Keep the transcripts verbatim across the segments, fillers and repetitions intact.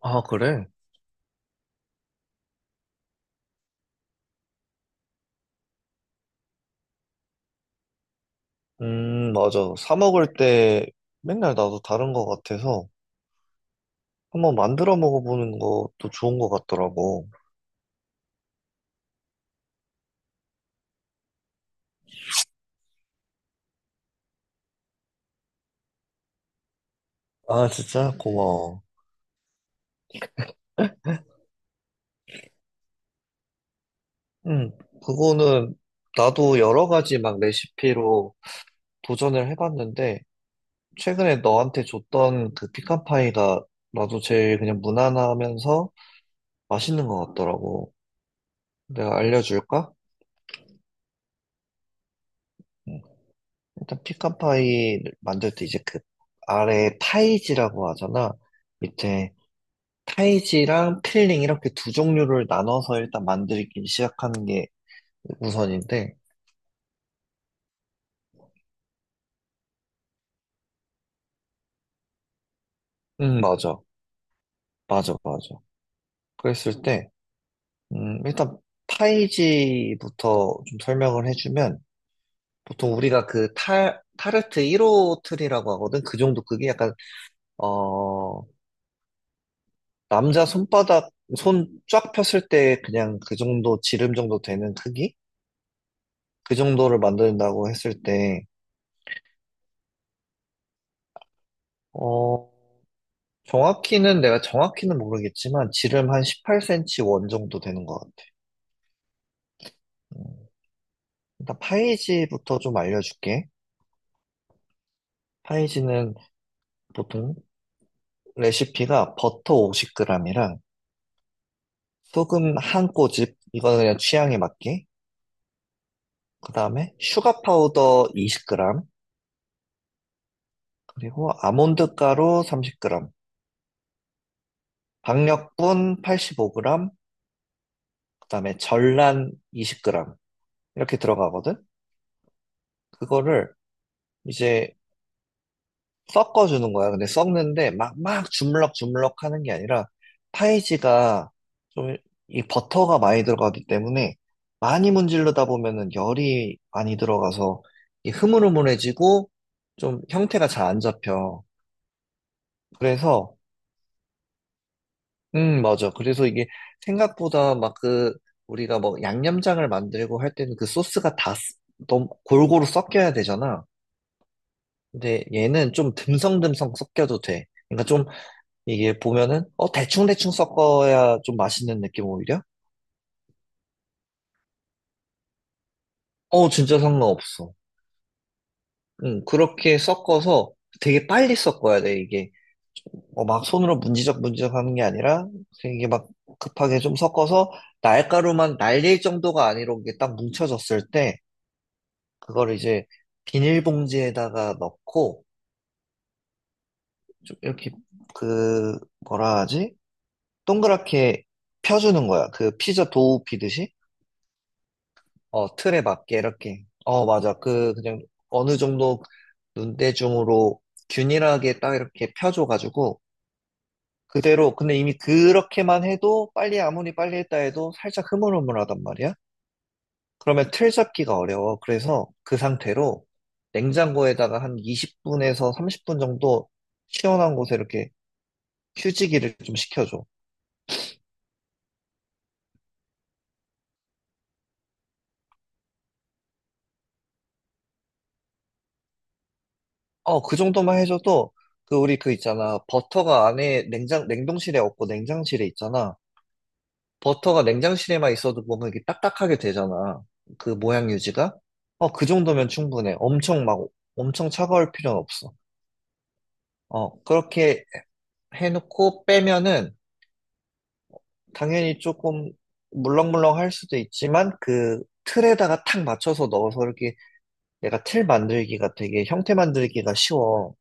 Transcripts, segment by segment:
아, 그래? 음, 맞아. 사 먹을 때 맨날 나도 다른 거 같아서 한번 만들어 먹어보는 것도 좋은 거 같더라고. 아, 진짜? 고마워. 음, 그거는 나도 여러 가지 막 레시피로 도전을 해봤는데 최근에 너한테 줬던 그 피칸파이가 나도 제일 그냥 무난하면서 맛있는 거 같더라고. 내가 알려줄까? 음, 일단 피칸파이 만들 때 이제 그 아래 파이지라고 하잖아. 밑에 타이지랑 필링 이렇게 두 종류를 나눠서 일단 만들기 시작하는 게 우선인데, 음, 맞아. 맞아, 맞아. 그랬을 때, 음, 일단 타이지부터 좀 설명을 해주면, 보통 우리가 그 타 타르트 일 호 틀이라고 하거든? 그 정도 크기? 약간, 어, 남자 손바닥, 손 쫙 폈을 때 그냥 그 정도, 지름 정도 되는 크기? 그 정도를 만든다고 했을 때, 어, 정확히는 내가 정확히는 모르겠지만 지름 한 십팔 센티미터 원 정도 되는 것 같아. 음, 일단 파이지부터 좀 알려줄게. 파이지는 보통 레시피가 버터 오십 그램이랑 소금 한 꼬집, 이거는 그냥 취향에 맞게. 그 다음에 슈가 파우더 이십 그램, 그리고 아몬드 가루 삼십 그램, 박력분 팔십오 그램, 그 다음에 전란 이십 그램 이렇게 들어가거든. 그거를 이제 섞어주는 거야. 근데 섞는데 막, 막 주물럭 주물럭 하는 게 아니라 파이지가 좀 이 버터가 많이 들어가기 때문에 많이 문지르다 보면은 열이 많이 들어가서 이 흐물흐물해지고 좀 형태가 잘 안 잡혀. 그래서, 음, 맞아. 그래서 이게 생각보다 막 그, 우리가 뭐 양념장을 만들고 할 때는 그 소스가 다 쓰- 너무 골고루 섞여야 되잖아. 근데 얘는 좀 듬성듬성 섞여도 돼. 그러니까 좀 이게 보면은, 어, 대충대충 섞어야 좀 맛있는 느낌 오히려? 어, 진짜 상관없어. 응, 그렇게 섞어서 되게 빨리 섞어야 돼, 이게. 어, 막 손으로 문지적 문지적 하는 게 아니라, 이게 막 급하게 좀 섞어서 날가루만 날릴 정도가 아니라 이게 딱 뭉쳐졌을 때, 그걸 이제 비닐봉지에다가 넣고, 좀 이렇게, 그, 뭐라 하지? 동그랗게 펴주는 거야. 그 피자 도우 피듯이. 어, 틀에 맞게 이렇게. 어, 맞아. 그, 그냥 어느 정도 눈대중으로 균일하게 딱 이렇게 펴줘가지고, 그대로, 근데 이미 그렇게만 해도 빨리 아무리 빨리 했다 해도 살짝 흐물흐물하단 말이야? 그러면 틀 잡기가 어려워. 그래서 그 상태로 냉장고에다가 한 이십 분에서 삼십 분 정도 시원한 곳에 이렇게 휴지기를 좀 시켜줘. 어, 그 정도만 해줘도 그 우리 그 있잖아. 버터가 안에 냉장, 냉동실에 없고 냉장실에 있잖아. 버터가 냉장실에만 있어도 보면 이게 딱딱하게 되잖아. 그 모양 유지가. 어, 그 정도면 충분해. 엄청 막, 엄청 차가울 필요는 없어. 어, 그렇게 해놓고 빼면은 당연히 조금 물렁물렁 할 수도 있지만 그 틀에다가 탁 맞춰서 넣어서 이렇게 내가 틀 만들기가 되게 형태 만들기가 쉬워.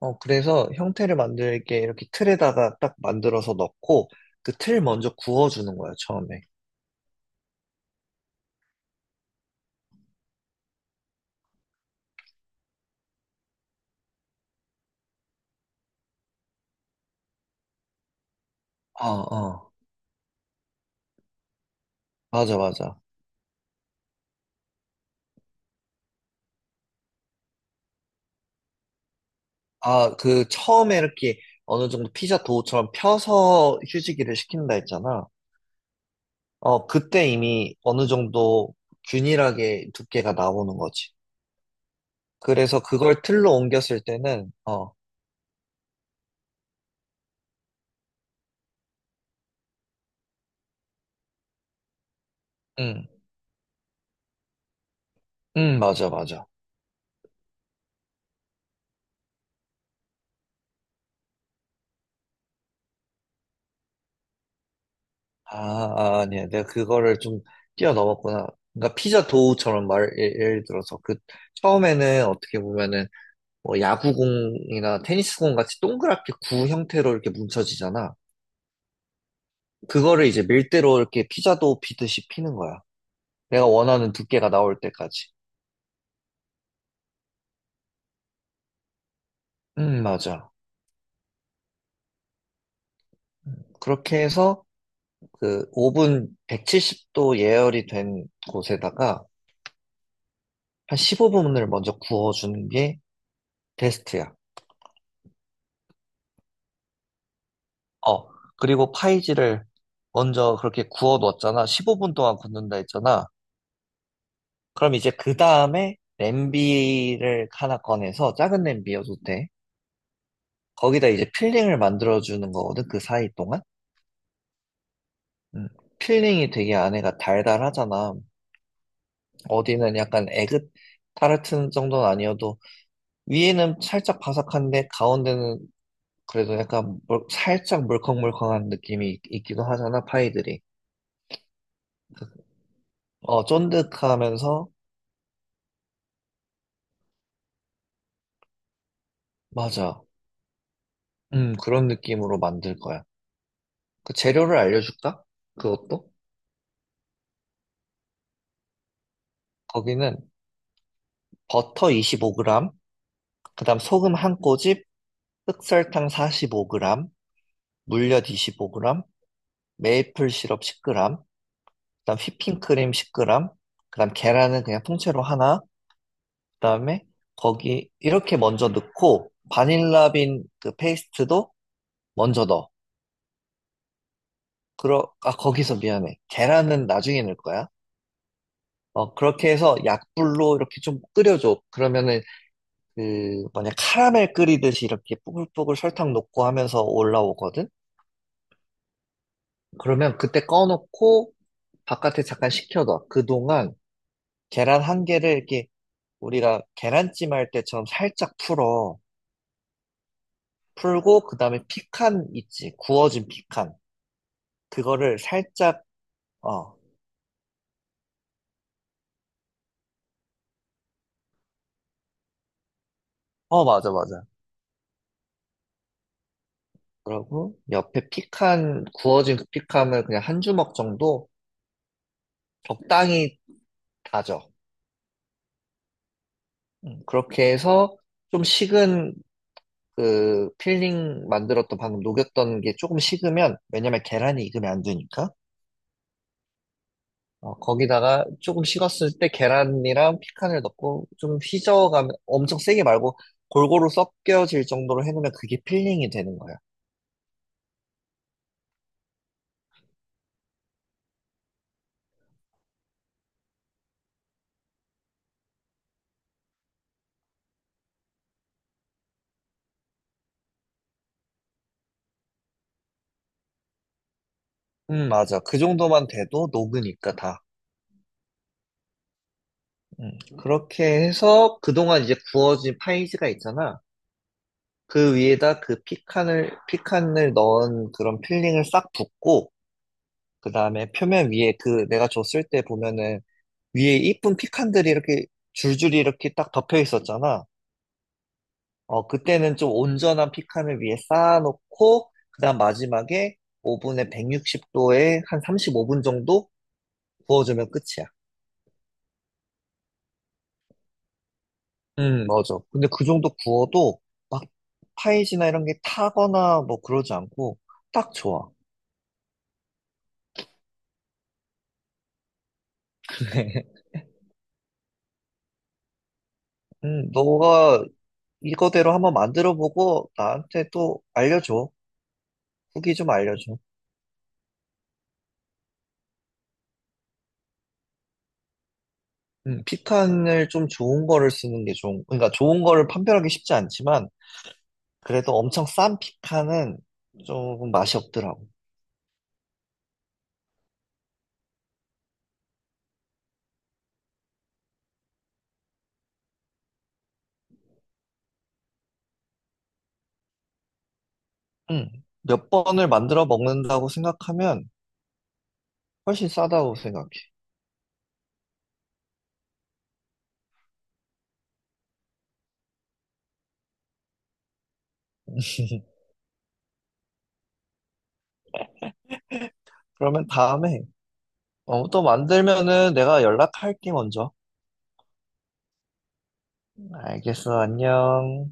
어, 그래서 형태를 만들게 이렇게 틀에다가 딱 만들어서 넣고 그 틀 먼저 구워주는 거야, 처음에. 어, 어. 맞아, 맞아. 아, 그 처음에 이렇게 어느 정도 피자 도우처럼 펴서 휴지기를 시킨다 했잖아. 어, 그때 이미 어느 정도 균일하게 두께가 나오는 거지. 그래서 그걸 틀로 옮겼을 때는, 어, 응, 응, 맞아, 맞아. 아, 아, 아니야. 내가 그거를 좀 뛰어넘었구나. 그러니까 피자 도우처럼 말, 예- 예를 들어서 그 처음에는 어떻게 보면은 뭐 야구공이나 테니스공 같이 동그랗게 구 형태로 이렇게 뭉쳐지잖아. 그거를 이제 밀대로 이렇게 피자도 비듯이 피는 거야. 내가 원하는 두께가 나올 때까지. 음, 맞아. 그렇게 해서 그 오븐 백칠십 도 예열이 된 곳에다가 한 십오 분을 먼저 구워주는 게 베스트야. 어, 그리고 파이지를 먼저 그렇게 구워 놓았잖아. 십오 분 동안 굽는다 했잖아. 그럼 이제 그 다음에 냄비를 하나 꺼내서 작은 냄비여도 돼. 거기다 이제 필링을 만들어주는 거거든, 그 사이 동안. 음, 필링이 되게 안에가 달달하잖아. 어디는 약간 에그 타르트 정도는 아니어도 위에는 살짝 바삭한데 가운데는 그래도 약간 물- 살짝 물컹물컹한 느낌이 있기도 하잖아, 파이들이. 어, 쫀득하면서 맞아. 음, 그런 느낌으로 만들 거야. 그 재료를 알려줄까? 그것도? 거기는 버터 이십오 그램, 그다음 소금 한 꼬집, 흑설탕 사십오 그램, 물엿 이십오 그램, 메이플 시럽 십 그램, 그다음 휘핑크림 십 그램, 그다음 계란은 그냥 통째로 하나, 그다음에 거기 이렇게 먼저 넣고 바닐라빈 그 페이스트도 먼저 넣어. 그러 아 거기서 미안해. 계란은 나중에 넣을 거야. 어 그렇게 해서 약불로 이렇게 좀 끓여줘. 그러면은 그 뭐냐 카라멜 끓이듯이 이렇게 뽀글뽀글 설탕 녹고 하면서 올라오거든. 그러면 그때 꺼놓고 바깥에 잠깐 식혀둬. 그동안 계란 한 개를 이렇게 우리가 계란찜 할 때처럼 살짝 풀어. 풀고, 그 다음에 피칸 있지. 구워진 피칸. 그거를 살짝, 어, 어, 맞아, 맞아. 그러고, 옆에 피칸, 구워진 그 피칸을 그냥 한 주먹 정도 적당히 다져. 음, 그렇게 해서 좀 식은 그 필링 만들었던 방금 녹였던 게 조금 식으면, 왜냐면 계란이 익으면 안 되니까. 어, 거기다가 조금 식었을 때 계란이랑 피칸을 넣고 좀 휘저어가면 엄청 세게 말고 골고루 섞여질 정도로 해놓으면 그게 필링이 되는 거야. 음, 맞아. 그 정도만 돼도 녹으니까 다. 음, 그렇게 해서 그동안 이제 구워진 파이지가 있잖아. 그 위에다 그 피칸을, 피칸을 넣은 그런 필링을 싹 붓고, 그 다음에 표면 위에 그 내가 줬을 때 보면은 위에 이쁜 피칸들이 이렇게 줄줄이 이렇게 딱 덮여 있었잖아. 어, 그때는 좀 온전한 피칸을 위에 쌓아놓고, 그 다음 마지막에 오븐에 백육십 도에 한 삼십오 분 정도 구워주면 끝이야. 음, 맞아. 근데 그 정도 구워도 막 파이지나 이런 게 타거나 뭐 그러지 않고 딱 좋아. 음, 너가 이거대로 한번 만들어보고 나한테 또 알려줘. 후기 좀 알려줘. 음, 피칸을 좀 좋은 거를 쓰는 게 좋은, 그러니까 좋은 거를 판별하기 쉽지 않지만, 그래도 엄청 싼 피카는 조금 맛이 없더라고. 응. 몇 번을 만들어 먹는다고 생각하면 훨씬 싸다고 생각해. 그러면 다음에 어, 또 만들면은 내가 연락할게 먼저. 알겠어, 안녕.